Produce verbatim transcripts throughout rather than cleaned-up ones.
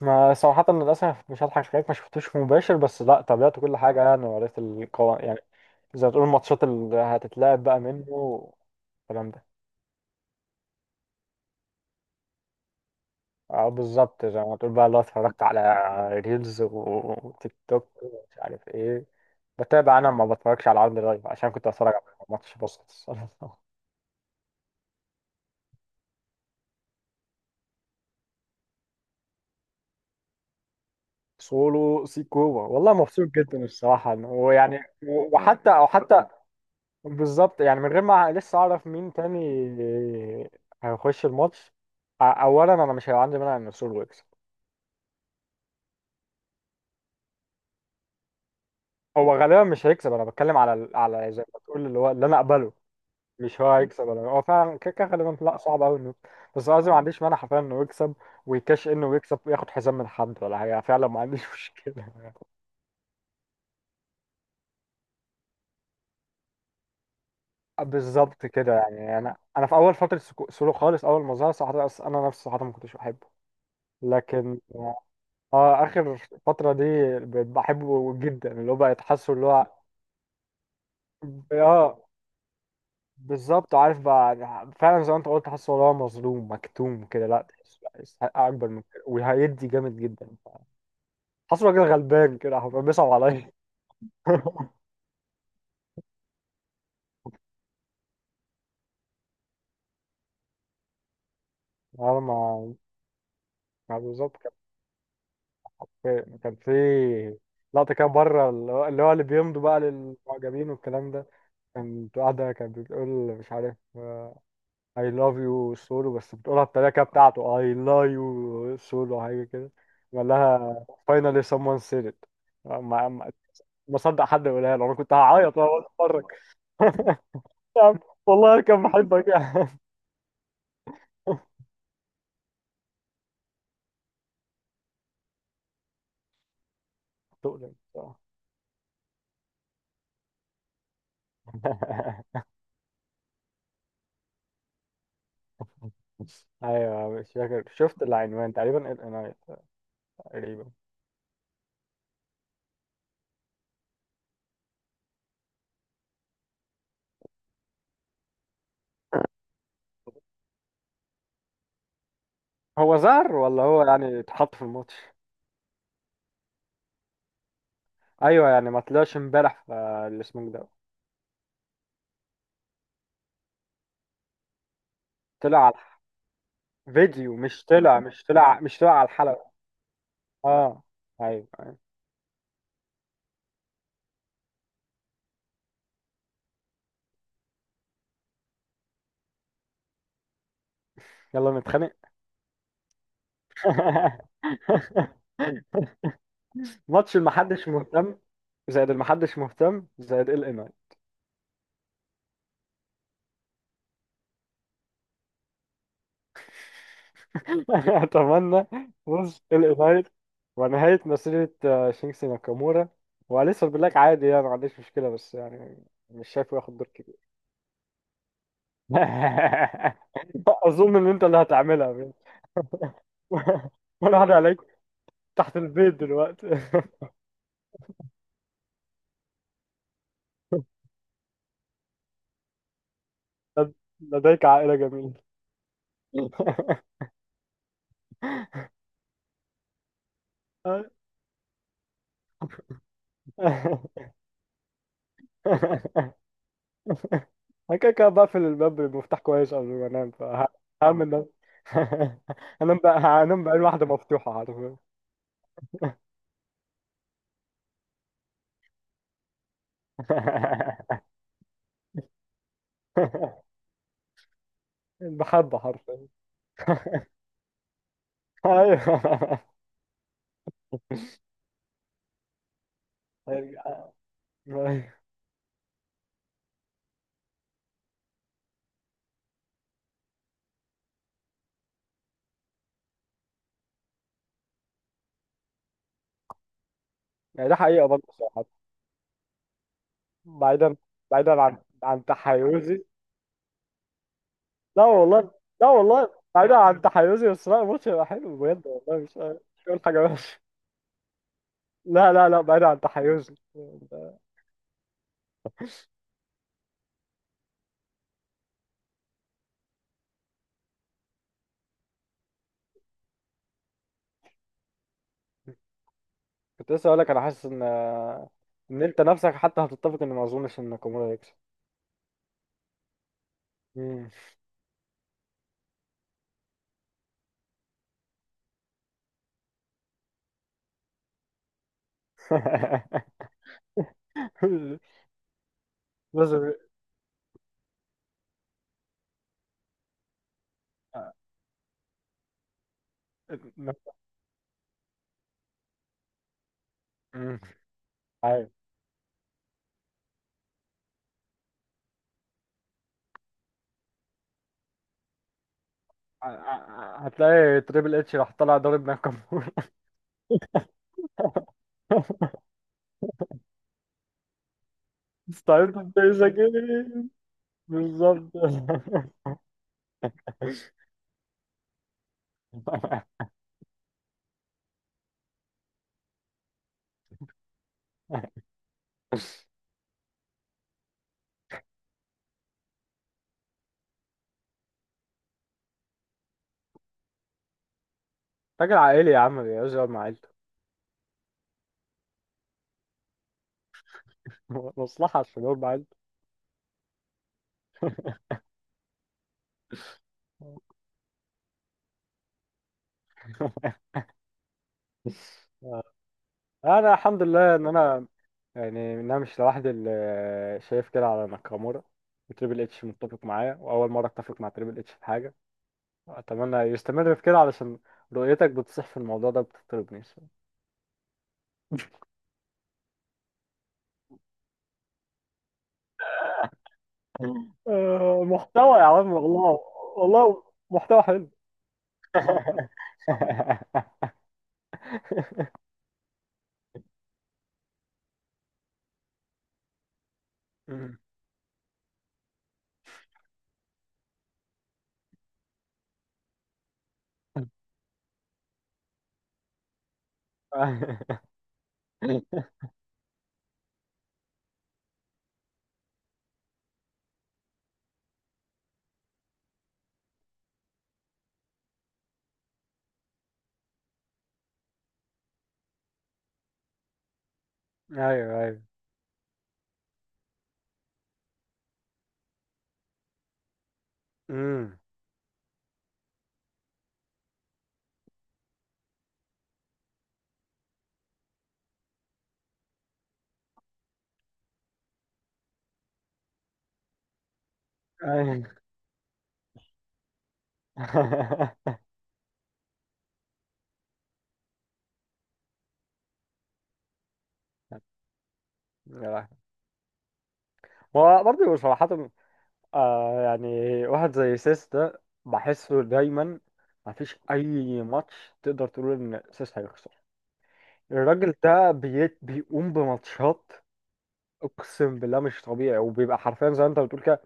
ما صراحة للأسف مش هضحك عليك، ما شفتوش مباشر بس لا، تابعت كل حاجة يعني وعرفت القوانين يعني. زي ما تقول، الماتشات اللي هتتلعب بقى منه والكلام ده. اه بالظبط، زي ما تقول بقى، لو اتفرجت على ريلز وتيك توك ومش عارف ايه. بتابع، انا ما بتفرجش على عرض لايف عشان كنت اتفرج على ماتش بسيط الصراحة. سولو سيكوبا، والله مبسوط جدا الصراحة، ويعني وحتى او حتى بالظبط، يعني من غير ما لسه اعرف مين تاني هيخش الماتش. أ- اولا انا مش هيبقى عندي مانع ان ارسنال يكسب. هو غالبا مش هيكسب، انا بتكلم على ال- على زي ما تقول، اللي هو اللي انا اقبله. مش هو هيكسب، انا هو فعلا كده كده غالبا، لا صعب قوي انه، بس قصدي ما عنديش مانع حرفيا انه يكسب. ويكاش انه يكسب وياخد حزام من حد ولا حاجه، فعلا ما عنديش مشكله. بالظبط كده، يعني انا انا في اول فتره سكو- سولو خالص، اول ما ظهر صراحه، أص- انا نفسي صراحه ما كنتش بحبه، لكن اه، اخر فترة دي بقيت بحبه جدا، اللي هو بقى تحسه اللي هو، اه بالظبط، عارف بقى. فعلا زي ما انت قلت، تحسه اللي هو مظلوم مكتوم كده، لا تحسه، لا، يستحق اكبر من كده وهيدي جامد جدا. حاسه راجل غلبان كده، حرفيا بيصعب عليا. اه ما ما بالظبط كان، في كان في لقطة كده بره، اللي هو اللي هو اللي بيمضوا بقى للمعجبين والكلام ده. كانت واحدة كانت بتقول، مش عارف، I love you سولو، بس بتقولها بطريقة كده بتاعته، I love you سولو، حاجة كده. قال لها finally someone said it. ما ما ما صدق حد يقولها له، انا كنت هعيط وانا بتفرج. يا عم، والله انا كان بحبك يعني. تؤلم بصراحة. ايوه، مش فاكر، شفت العنوان تقريبا، ال ان اي تقريبا. هو ظهر ولا هو يعني اتحط في الماتش؟ ايوه يعني، ما طلعش امبارح في الاسمه ده. طلع على الح- فيديو؟ مش طلع مش طلع مش طلع على الحلقة. اه، ايوه أيوة. يلا نتخانق. ماتش المحدش مهتم، زائد المحدش مهتم، زائد ال ان اي. اتمنى فوز ال ان اي ونهاية مسيرة آه، شينكسي ناكامورا، وأليسا بالله عادي يعني، ما عنديش مشكلة بس يعني مش شايفه ياخد دور كبير. أظن إن أنت اللي هتعملها بس. ولا حد عليك، تحت البيت دلوقتي. لديك عائلة جميلة. انا كده كده بقفل الباب بالمفتاح كويس قبل ما انام، فهعمل النوم. هنام بقى، هنام بقى، الواحدة مفتوحة حرفيا. المحبة حرفيا. ايوه أيوة. يعني ده حقيقة برضه صراحة. بعيدا بعيدا عن عن تحيزي. لا والله، لا والله، بعيدا عن تحيزي، بس لا، الماتش هيبقى حلو بجد والله، مش مش هقول حاجة وحشة. لا، لا، لا، بعيدا عن تحيزي. كنت لسه اقول لك، انا حاسس ان ان انت نفسك حتى هتتفق ان ما اظنش ان ناكامورا هيكسب. مم. بس مم. عارف ع- ع- هتلاقي تريبل اتش راح طالع ضارب ناكامورا. ستايل، سكين، بالظبط. راجل عائلي يا عم، بيقعد مع عيلته. مصلحة عشان يقعد مع عيلته. انا الحمد لله ان انا، يعني انا مش لوحدي اللي شايف كده على ناكامورا، وتريبل اتش متفق معاه، واول مره اتفق مع تريبل اتش في حاجه. اتمنى يستمر في كده، علشان رؤيتك بتصح في الموضوع ده بتطربني. آه، محتوى يا عم والله، والله محتوى حلو. أمم. ايوه، ايوه، امم، ايوه. يا لهوي. هو برضه صراحة آه يعني، واحد زي سيس ده بحسه دايما مفيش أي ماتش تقدر تقول إن سيس هيخسر. الراجل ده بي... بيقوم بماتشات أقسم بالله مش طبيعي، وبيبقى حرفيا زي ما أنت بتقول كده،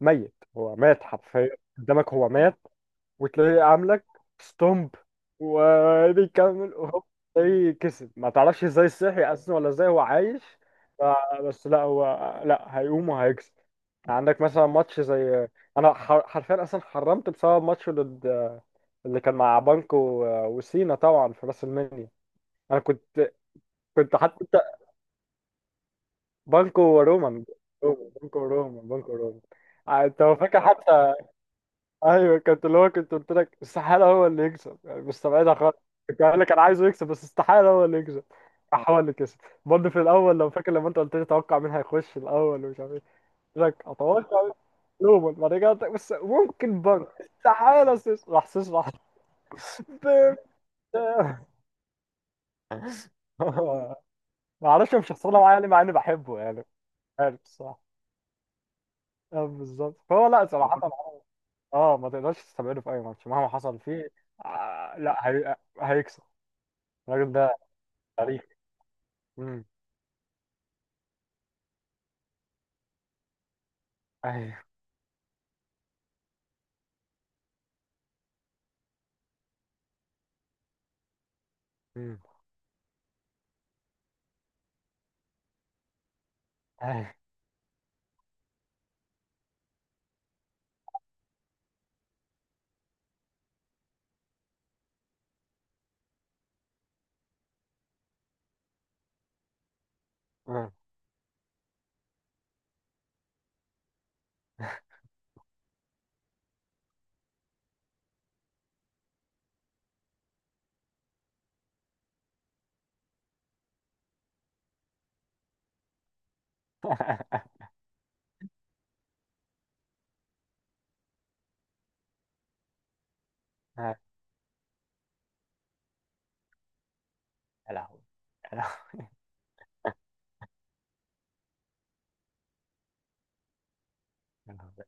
ميت، هو مات حرفيا قدامك، هو مات، وتلاقيه عاملك ستومب وبيكمل، وهو تلاقيه كسب، ما تعرفش ازاي صحي أصلا، ولا ازاي هو عايش. ف- بس لا، هو لا، هيقوم وهيكسب. عندك مثلا ماتش زي، انا حر- حرفيا اصلا حرمت بسبب ماتش ضد اللي كان مع بانكو و- وسينا، طبعا في راس المنيا. انا كنت كنت حتى بانكو ورومان، رومان- بانكو ورومان بانكو ورومان. ع- انت هو فاكر حتى؟ ايوه، كنت اللي هو، كنت قلت لك استحاله هو اللي يكسب يعني، مستبعدها خالص. كنت قايل لك انا عايزه يكسب، بس استحاله هو اللي يكسب. راح هو اللي كسب. برضه في الاول لو فاكر، لما انت قلت لي توقع مين هيخش الاول ومش عارف ايه، قلت لك اتوقع نوبل، بعد كده ت- بس ممكن بنك، استحاله سيس، راح سيس، راح. بيم. هو- ما اعرفش، مش شخصيه معايا يعني، مع اني بحبه، يعني مش عارف الصراحه. آه، بالظبط، فهو لا صراحه. اه، ما تقدرش تستبعده في اي ماتش مهما حصل فيه. آه، لا هي... هيكسب. الراجل ده تاريخ. امم، ايوه، امم، ايوه، أمم. يا لهوي، يا لهوي، يا لهوي.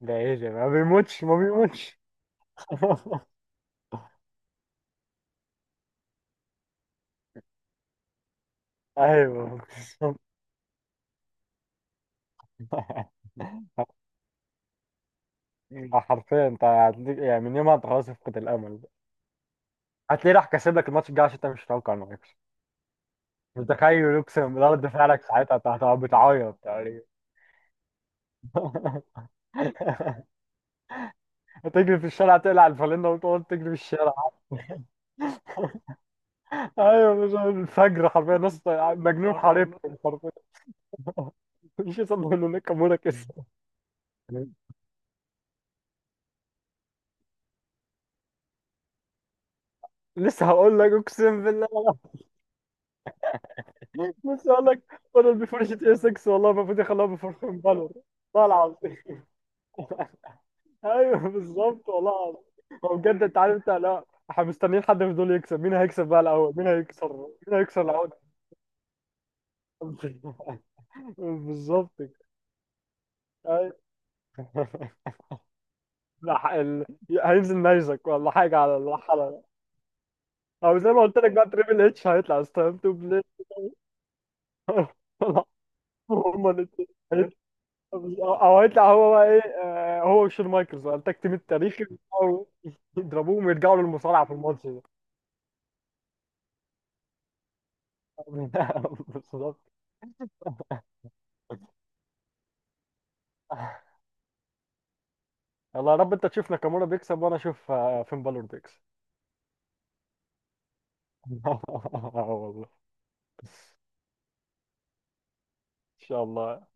ده ايه ده؟ ما بيموتش، ما بيموتش. ايوه بالظبط. ده حرفيا، انت هتديك- يعني من يومها انت خلاص فقد الامل بقى. هتلاقيه راح كاسب لك الماتش الجاي عشان انت مش متوقع انه هيكسب. متخيل، اقسم بالله رد فعلك ساعتها، انت هتبقى بتعيط تقريبا. هتجري في الشارع، تقلع الفالينة وتقعد تجري في الشارع. ايوه، مش عارف، الفجر حرفيا، نص مجنون حاربكم حرفيا. مش يسمعوا له، ناكامورا كسب. لسه هقول لك، اقسم بالله. لسه هقول لك، بدل بفرشة اي ستة، والله المفروض يخلوها بفرشة فالور. والله العظيم. ايوه بالظبط، والله العظيم. هو بجد، انت عارف، انت لا، احنا مستنيين حد من دول يكسب، مين هيكسب بقى الاول، مين هيكسر مين هيكسر العقد؟ بالظبط كده. ايوه. لا ح- ال... هينزل نيزك ولا حاجه على الحلقه، او زي ما قلت لك بقى، تريبل اتش هيطلع ستايم تو بلاي. هما الاتنين، هيطلع- او هيطلع هو بقى ايه، آه، هو وشون مايكلز بقى، التاج تيم التاريخي. او يضربوهم ويرجعوا للمصارعه في الماتش ده. بالظبط. يلا يا رب، انت تشوف ناكامورا بيكسب، وانا اشوف آه، فين بالور بيكسب. اه والله، ان شاء الله.